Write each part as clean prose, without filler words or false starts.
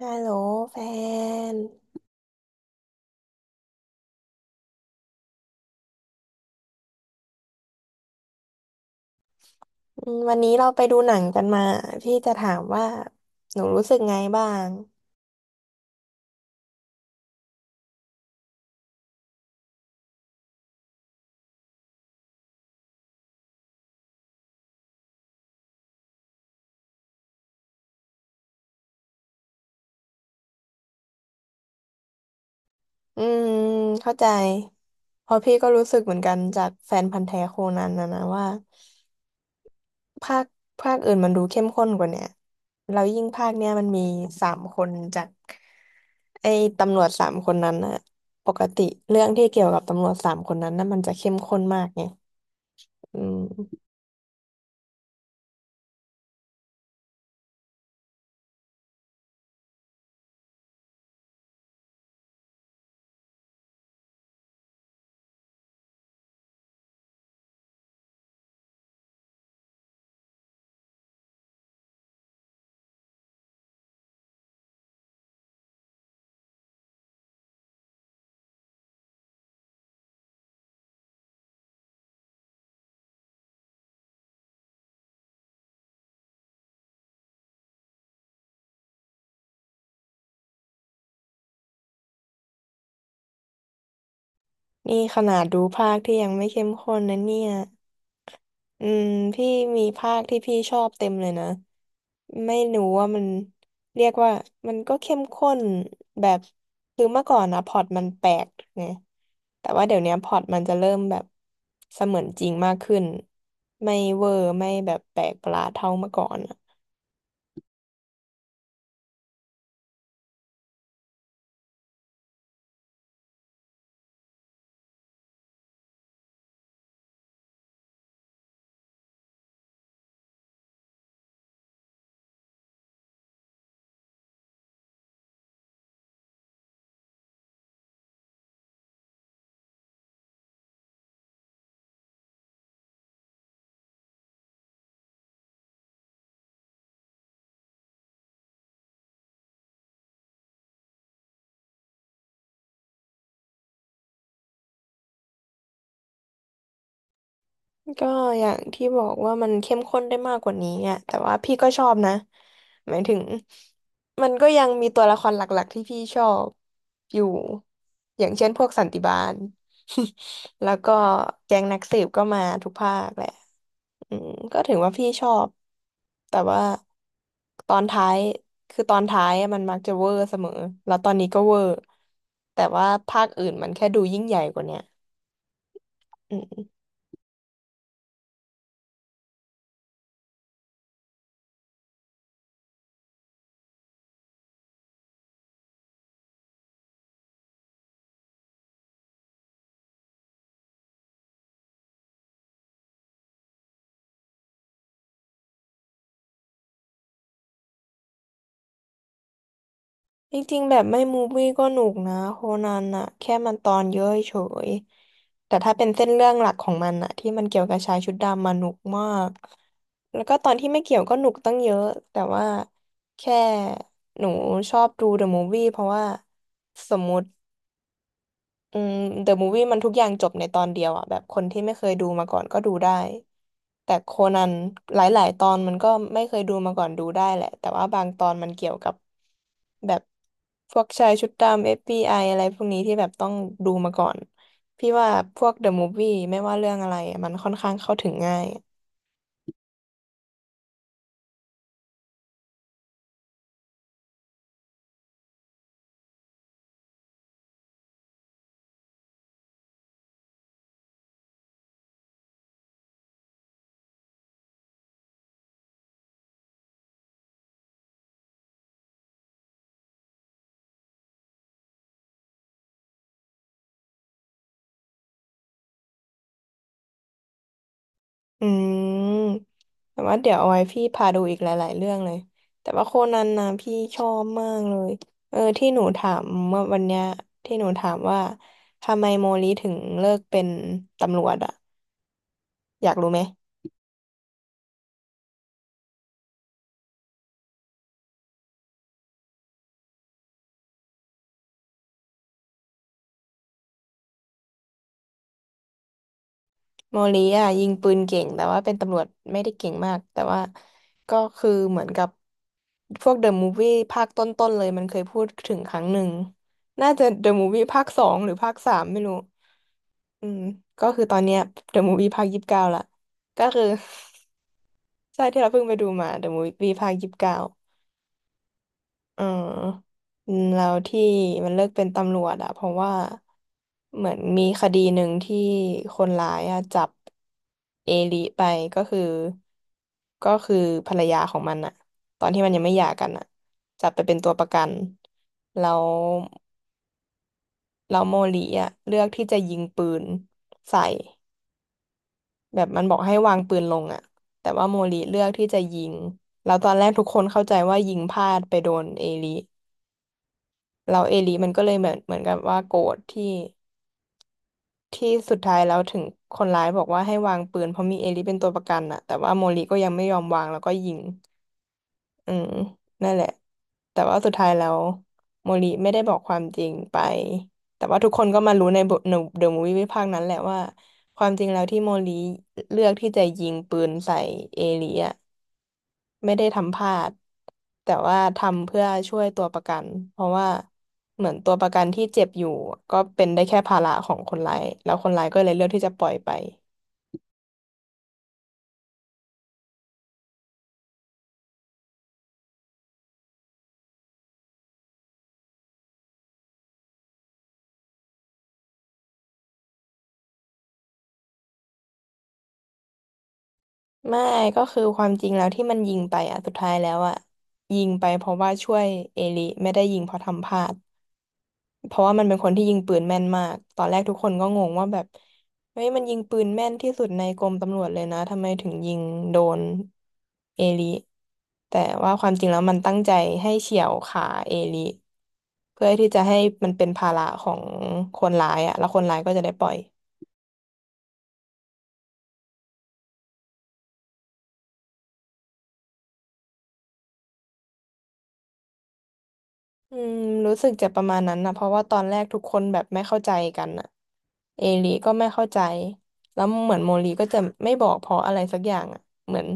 ฮัลโหลแฟนอืมวันนี้เราไปดูหนังกันมาพี่จะถามว่าหนูรู้สึกไงบ้างอืมเข้าใจเพราะพี่ก็รู้สึกเหมือนกันจากแฟนพันธุ์แท้โคนันนะนะว่าภาคภาคอื่นมันดูเข้มข้นกว่าเนี่ยแล้วยิ่งภาคเนี้ยมันมีสามคนจากไอ้ตำรวจสามคนนั้นน่ะปกติเรื่องที่เกี่ยวกับตำรวจสามคนนั้นน่ะมันจะเข้มข้นมากไงอืมนี่ขนาดดูภาคที่ยังไม่เข้มข้นนะเนี่ย อืมพี่มีภาคที่พี่ชอบเต็มเลยนะไม่รู้ว่ามันเรียกว่ามันก็เข้มข้นแบบคือเมื่อก่อนนะพล็อตมันแปลกไงแต่ว่าเดี๋ยวเนี้ยพล็อตมันจะเริ่มแบบเสมือนจริงมากขึ้นไม่เวอร์ไม่แบบแปลกประหลาดเท่าเมื่อก่อน ก็อย่างที่บอกว่ามันเข้มข้นได้มากกว่านี้อ่ะแต่ว่าพี่ก็ชอบนะหมายถึงมันก็ยังมีตัวละครหลักๆที่พี่ชอบอยู่อย่างเช่นพวกสันติบาล แล้วก็แก๊งนักสืบก็มาทุกภาคแหละอืมก็ถือว่าพี่ชอบแต่ว่าตอนท้ายคือตอนท้ายอะมันมักจะเวอร์เสมอแล้วตอนนี้ก็เวอร์แต่ว่าภาคอื่นมันแค่ดูยิ่งใหญ่กว่าเนี้ยอืม จริงๆแบบไม่มูฟวี่ก็หนุกนะโคนันอะแค่มันตอนเยอะเฉยแต่ถ้าเป็นเส้นเรื่องหลักของมันอะที่มันเกี่ยวกับชายชุดดำมาหนุกมากแล้วก็ตอนที่ไม่เกี่ยวก็หนุกตั้งเยอะแต่ว่าแค่หนูชอบดูเดอะมูฟวี่เพราะว่าสมมุติ อืม The Movie มันทุกอย่างจบในตอนเดียวอ่ะแบบคนที่ไม่เคยดูมาก่อนก็ดูได้แต่โคนันหลายๆตอนมันก็ไม่เคยดูมาก่อนดูได้แหละแต่ว่าบางตอนมันเกี่ยวกับแบบพวกชายชุดดำ FBI อฟบีไออะไรพวกนี้ที่แบบต้องดูมาก่อนพี่ว่าพวก The Movie ไม่ว่าเรื่องอะไรมันค่อนข้างเข้าถึงง่าย อืมแต่ว่าเดี๋ยวเอาไว้พี่พาดูอีกหลายๆเรื่องเลยแต่ว่าโคนันนะพี่ชอบมากเลยเออที่หนูถามเมื่อวันเนี้ยที่หนูถามว่าทำไมโมลิถึงเลิกเป็นตำรวจอะอยากรู้ไหม โมลีอ่ะยิงปืนเก่งแต่ว่าเป็นตำรวจไม่ได้เก่งมากแต่ว่าก็คือเหมือนกับพวกเดอะมูฟวี่ภาคต้นๆเลยมันเคยพูดถึงครั้งหนึ่งน่าจะเดอะมูฟวี่ภาคสองหรือภาคสามไม่รู้อืมก็คือตอนเนี้ยเดอะมูฟวี่ภาคยี่สิบเก้าละก็คือ ใช่ที่เราเพิ่งไปดูมาเดอะมูฟวี่ภาคยี่สิบเก้า เอออืมแล้วที่มันเลิกเป็นตำรวจอะเพราะว่าเหมือนมีคดีหนึ่งที่คนร้ายอะจับเอลิไปก็คือก็คือภรรยาของมันอะตอนที่มันยังไม่หย่ากันอะจับไปเป็นตัวประกันแล้วแล้วโมลิอะเลือกที่จะยิงปืนใส่แบบมันบอกให้วางปืนลงอะแต่ว่าโมลิเลือกที่จะยิงแล้วตอนแรกทุกคนเข้าใจว่ายิงพลาดไปโดนเอลิ แล้วเอลิมันก็เลยเหมือนกับว่าโกรธที่ที่สุดท้ายแล้วถึงคนร้ายบอกว่าให้วางปืนเพราะมีเอลิเป็นตัวประกันน่ะแต่ว่าโมริก็ยังไม่ยอมวางแล้วก็ยิงอืมนั่นแหละแต่ว่าสุดท้ายแล้วโมริไม่ได้บอกความจริงไปแต่ว่าทุกคนก็มารู้ในบทในเดอะมูฟวี่ภาคนั้นแหละว่าความจริงแล้วที่โมริเลือกที่จะยิงปืนใส่เอลิอะ ไม่ได้ทำพลาดแต่ว่าทำเพื่อช่วยตัวประกันเพราะว่าเหมือนตัวประกันที่เจ็บอยู่ก็เป็นได้แค่ภาระของคนร้ายแล้วคนร้ายก็เลยเลือกที่จะปล่อยไปไม่ก็คือความจริงแล้วที่มันยิงไปอ่ะสุดท้ายแล้วอ่ะยิงไปเพราะว่าช่วยเอลิไม่ได้ยิงเพราะทำพลาด เพราะว่ามันเป็นคนที่ยิงปืนแม่นมากตอนแรกทุกคนก็งงว่าแบบเฮ้ยมันยิงปืนแม่นที่สุดในกรมตำรวจเลยนะทำไมถึงยิงโดนเอลิแต่ว่าความจริงแล้วมันตั้งใจให้เฉี่ยวขาเอลิเพื่อที่จะให้มันเป็นภาระของคนร้ายอะแล้วคนร้ายก็จะได้ปล่อยอืมรู้สึกจะประมาณนั้นนะเพราะว่าตอนแรกทุกคนแบบไม่เข้าใจกันอะเอลิก็ไม่เข้าใจแล้วเหมือนโมลีก็จะไม่บอกเพราะอะไรสักอย่างอะเหมือน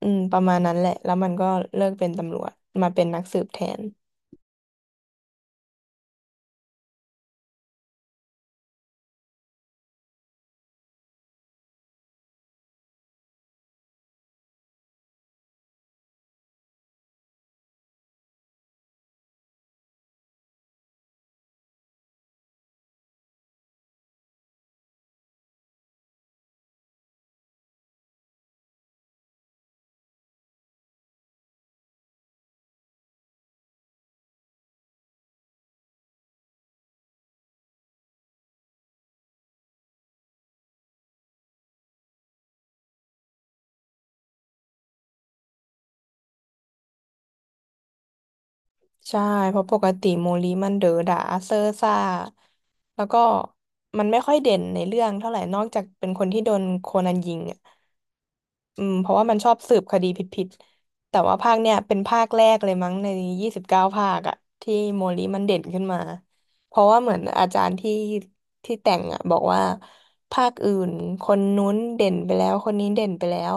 อืมประมาณนั้นแหละแล้วมันก็เลิกเป็นตำรวจมาเป็นนักสืบแทนใช่เพราะปกติโมลีมันเด๋อด่าเซ่อซ่าแล้วก็มันไม่ค่อยเด่นในเรื่องเท่าไหร่นอกจากเป็นคนที่โดนโคนันยิงอ่ะอืมเพราะว่ามันชอบสืบคดีผิดๆแต่ว่าภาคเนี้ยเป็นภาคแรกเลยมั้งใน29ภาคอ่ะที่โมลีมันเด่นขึ้นมาเพราะว่าเหมือนอาจารย์ที่แต่งอ่ะบอกว่าภาคอื่นคนนู้นเด่นไปแล้วคนนี้เด่นไปแล้ว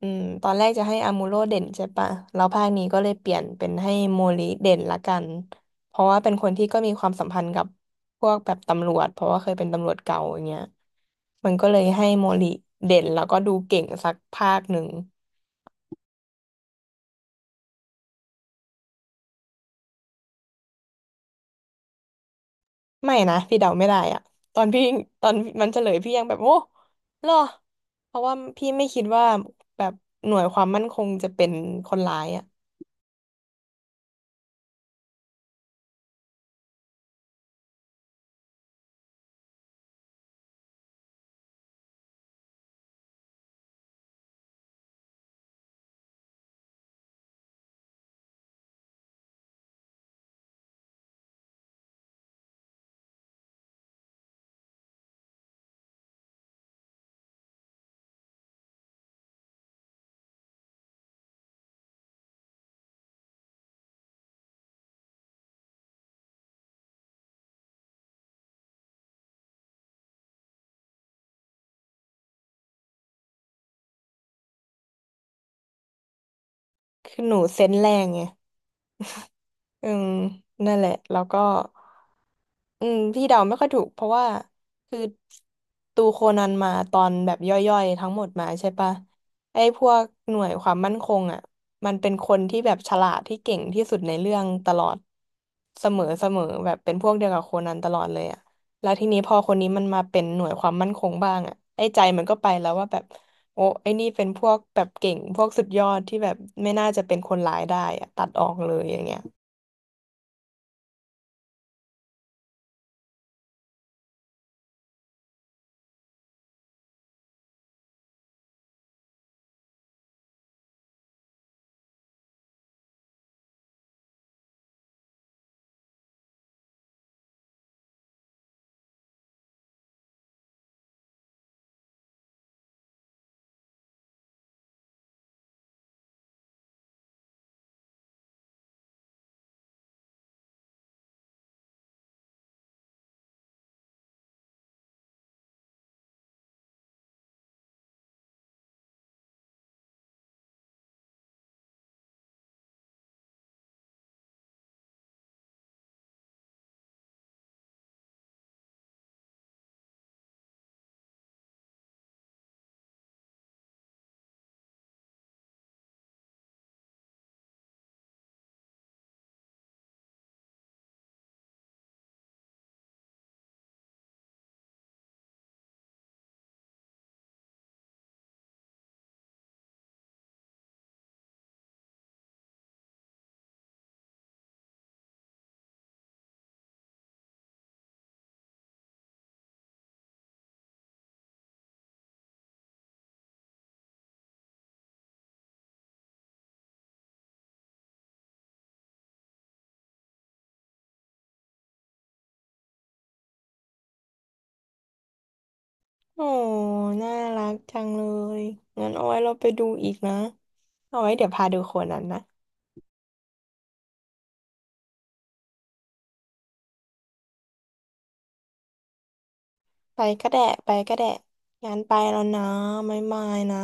อืมตอนแรกจะให้อามูโร่เด่นใช่ปะแล้วภาคนี้ก็เลยเปลี่ยนเป็นให้โมริเด่นละกันเพราะว่าเป็นคนที่ก็มีความสัมพันธ์กับพวกแบบตำรวจเพราะว่าเคยเป็นตำรวจเก่าอย่างเงี้ยมันก็เลยให้โมริเด่นแล้วก็ดูเก่งสักภาคหนึ่งไม่นะพี่เดาไม่ได้อะตอนพี่ตอนมันเฉลยพี่ยังแบบโอ้เหรอเพราะว่าพี่ไม่คิดว่าแบบหน่วยความมั่นคงจะเป็นคนร้ายอะคือหนูเซนส์แรงไง อืมนั่นแหละแล้วก็อืมพี่เดาไม่ค่อยถูกเพราะว่าคือตูโคนันมาตอนแบบย่อยๆทั้งหมดมาใช่ปะไอ้พวกหน่วยความมั่นคงอ่ะมันเป็นคนที่แบบฉลาดที่เก่งที่สุดในเรื่องตลอดเสมอเสมอแบบเป็นพวกเดียวกับโคนันตลอดเลยอ่ะแล้วทีนี้พอคนนี้มันมาเป็นหน่วยความมั่นคงบ้างอ่ะไอ้ใจมันก็ไปแล้วว่าแบบโอ้ไอ้นี่เป็นพวกแบบเก่งพวกสุดยอดที่แบบไม่น่าจะเป็นคนร้ายได้อะตัดออกเลยอย่างเงี้ย โอ้น่ารักจังเลยงั้นเอาไว้เราไปดูอีกนะ เอาไว้เดี๋ยวพาดูคนนั้นนะ ไปก็แดะไปก็แดะงั้นไปแล้วนะไมายมายนะ